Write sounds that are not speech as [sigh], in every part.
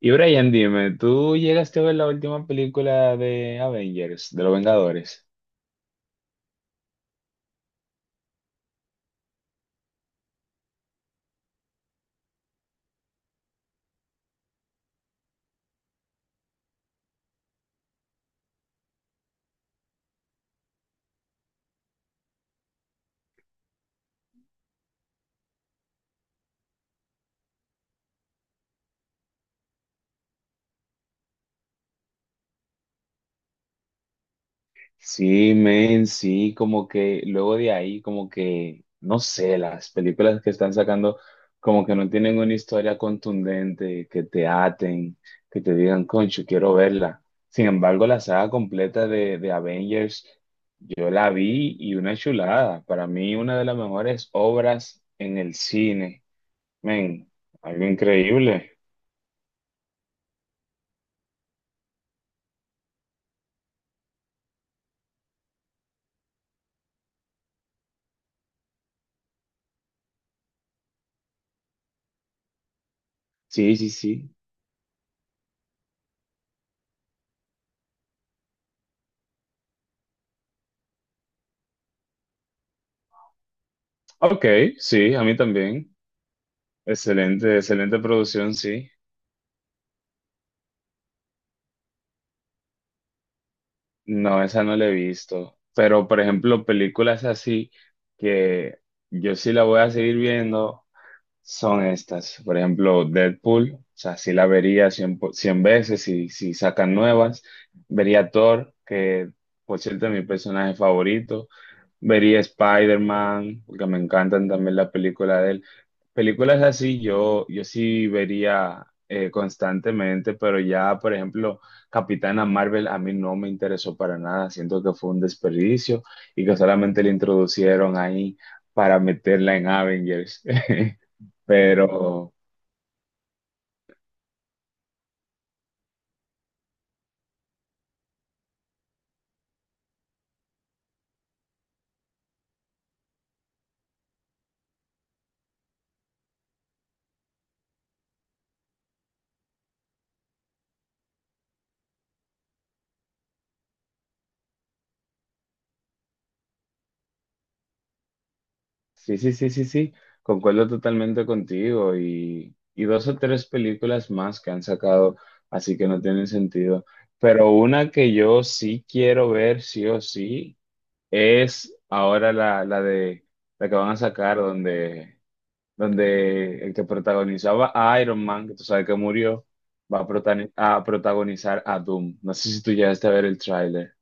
Y Brian, dime, ¿tú llegaste a ver la última película de Avengers, de los Vengadores? Sí, men, sí, como que luego de ahí, como que, no sé, las películas que están sacando, como que no tienen una historia contundente, que te aten, que te digan, concho, quiero verla. Sin embargo, la saga completa de Avengers, yo la vi y una chulada. Para mí, una de las mejores obras en el cine. Men, algo increíble. Sí, sí, sí. Ok, sí, a mí también. Excelente, excelente producción, sí. No, esa no la he visto. Pero, por ejemplo, películas así que yo sí la voy a seguir viendo son estas. Por ejemplo, Deadpool. O sea, sí la vería 100 veces si sacan nuevas. Vería Thor, que por cierto es mi personaje favorito. Vería Spider-Man, porque me encantan también las películas de él. Películas así yo sí vería constantemente, pero ya, por ejemplo, Capitana Marvel a mí no me interesó para nada, siento que fue un desperdicio y que solamente le introducieron ahí para meterla en Avengers. [laughs] Pero sí, sí, sí, sí, sí, concuerdo totalmente contigo y dos o tres películas más que han sacado, así que no tienen sentido. Pero una que yo sí quiero ver, sí o sí es ahora la de la que van a sacar donde el que protagonizaba a Iron Man, que tú sabes que murió, va a protagonizar a Doom. No sé si tú llegaste a ver el tráiler.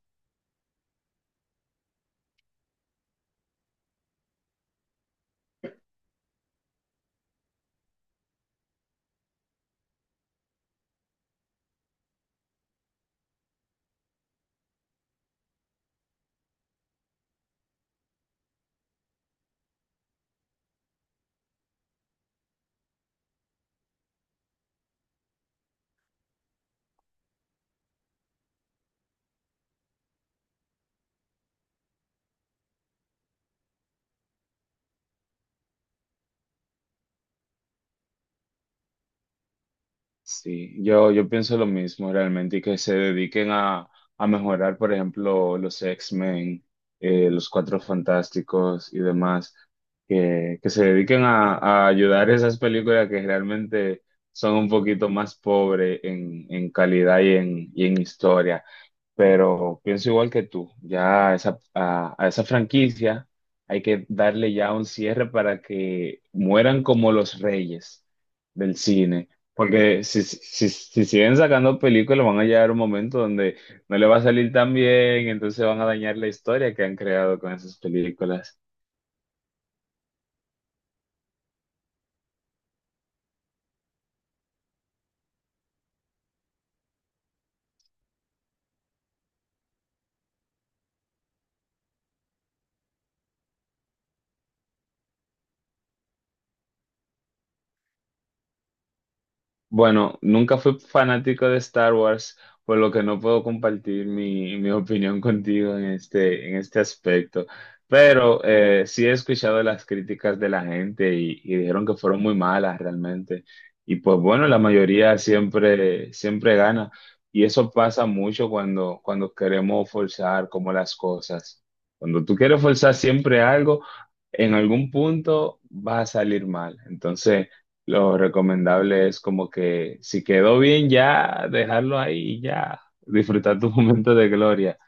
Sí, yo pienso lo mismo realmente y que se dediquen a mejorar, por ejemplo, los X-Men, los Cuatro Fantásticos y demás, que se dediquen a ayudar a esas películas que realmente son un poquito más pobres en calidad y en historia, pero pienso igual que tú, ya a a esa franquicia hay que darle ya un cierre para que mueran como los reyes del cine, porque si siguen sacando películas van a llegar un momento donde no le va a salir tan bien, entonces van a dañar la historia que han creado con esas películas. Bueno, nunca fui fanático de Star Wars, por lo que no puedo compartir mi opinión [laughs] contigo en en este aspecto. Pero sí he escuchado las críticas de la gente y dijeron que fueron muy malas realmente. Y pues bueno, la mayoría siempre, siempre gana. Y eso pasa mucho cuando queremos forzar como las cosas. Cuando tú quieres forzar siempre algo, en algún punto va a salir mal. Entonces, lo recomendable es como que si quedó bien ya, dejarlo ahí y ya, disfrutar tu [laughs] momento de gloria.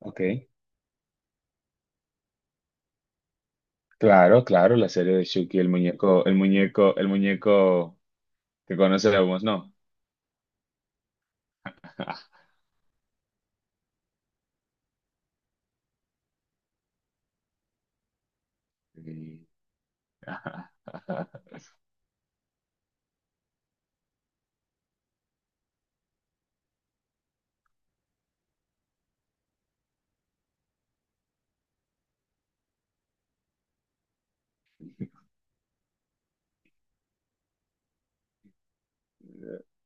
Ok, claro, claro, la serie de Chucky, el muñeco, el muñeco, el muñeco que conocemos, ¿no? [laughs] Sí, [laughs]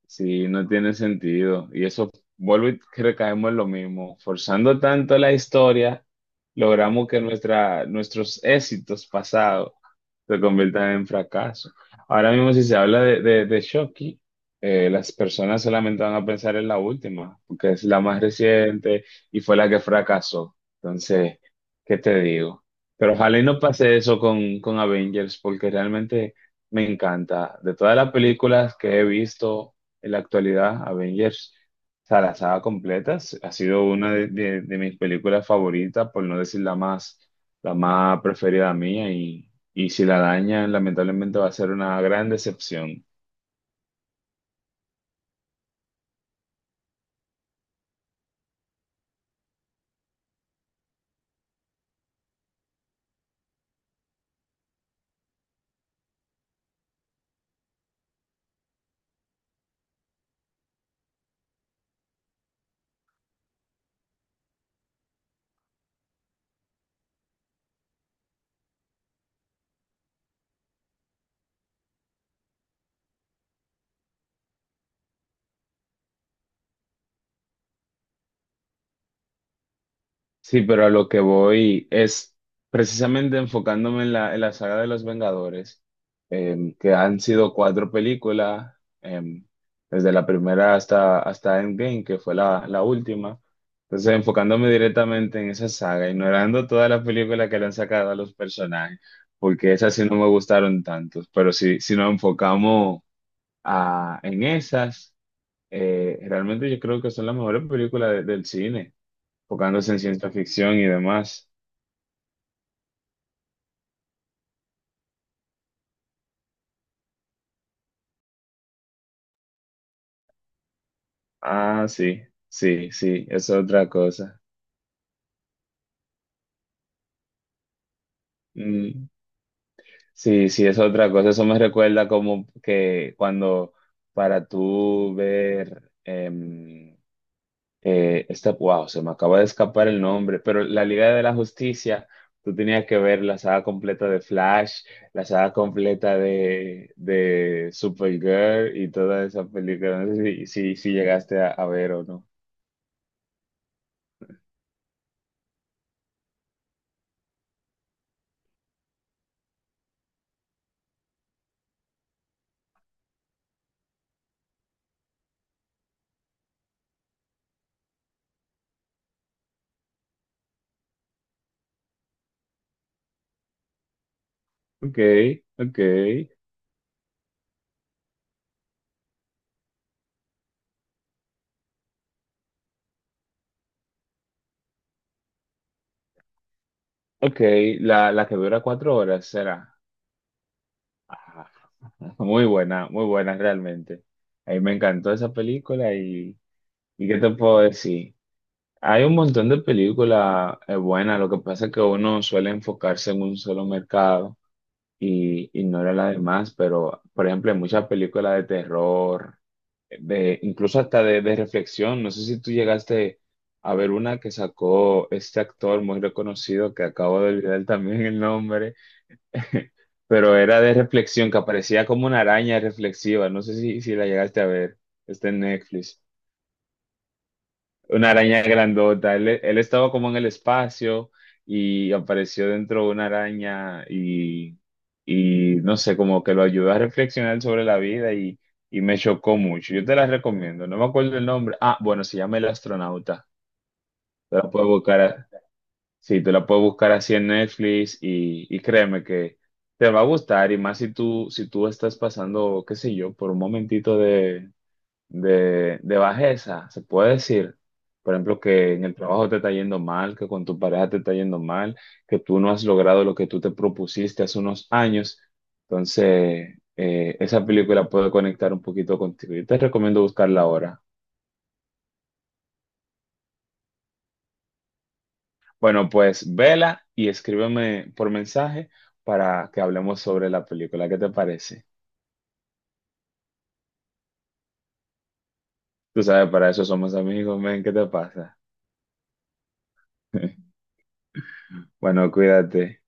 sí, no tiene sentido. Y eso, vuelvo y recaemos en lo mismo. Forzando tanto la historia, logramos que nuestros éxitos pasados se conviertan en fracaso. Ahora mismo, si se habla de Shoki, las personas solamente van a pensar en la última, porque es la más reciente y fue la que fracasó. Entonces, ¿qué te digo? Pero ojalá y no pase eso con Avengers, porque realmente me encanta. De todas las películas que he visto en la actualidad, Avengers, o sea, la saga completa, ha sido una de mis películas favoritas, por no decir la más preferida mía y si la dañan, lamentablemente va a ser una gran decepción. Sí, pero a lo que voy es precisamente enfocándome en en la saga de los Vengadores, que han sido cuatro películas, em, desde la primera hasta Endgame, que fue la última. Entonces, enfocándome directamente en esa saga, ignorando todas las películas que le han sacado a los personajes, porque esas sí no me gustaron tantos, pero si nos enfocamos en esas. Realmente yo creo que son las mejores películas del cine, enfocándose en ciencia ficción y demás. Ah, sí, sí, sí, es otra cosa. Mm, sí, sí, es otra cosa. Eso me recuerda como que cuando para tú ver esta, wow, se me acaba de escapar el nombre, pero la Liga de la Justicia, tú tenías que ver la saga completa de Flash, la saga completa de Supergirl y toda esa película. No sé si, si llegaste a ver o no. Ok, ok, ok. La que dura cuatro horas será. Ah, [laughs] muy buena, muy buena realmente. A mí me encantó esa película ¿y qué te puedo decir? Hay un montón de películas buenas, lo que pasa es que uno suele enfocarse en un solo mercado y ignora las demás, pero por ejemplo hay muchas películas de terror, de, incluso hasta de reflexión, no sé si tú llegaste a ver una que sacó este actor muy reconocido que acabo de olvidar también el nombre, [laughs] pero era de reflexión, que aparecía como una araña reflexiva, no sé si la llegaste a ver, está en Netflix. Una araña grandota. Él estaba como en el espacio y apareció dentro de una araña y no sé, como que lo ayudó a reflexionar sobre la vida y me chocó mucho. Yo te la recomiendo. No me acuerdo el nombre. Ah, bueno, se llama El Astronauta. Te la puedes buscar, sí, te la puedes buscar así en Netflix y créeme que te va a gustar y más si tú, si tú estás pasando, qué sé yo, por un momentito de bajeza, se puede decir, por ejemplo, que en el trabajo te está yendo mal, que con tu pareja te está yendo mal, que tú no has logrado lo que tú te propusiste hace unos años. Entonces, esa película puede conectar un poquito contigo. Yo te recomiendo buscarla ahora. Bueno, pues vela y escríbeme por mensaje para que hablemos sobre la película. ¿Qué te parece? Tú sabes, para eso somos amigos, men, ¿qué te pasa? [laughs] Bueno, cuídate.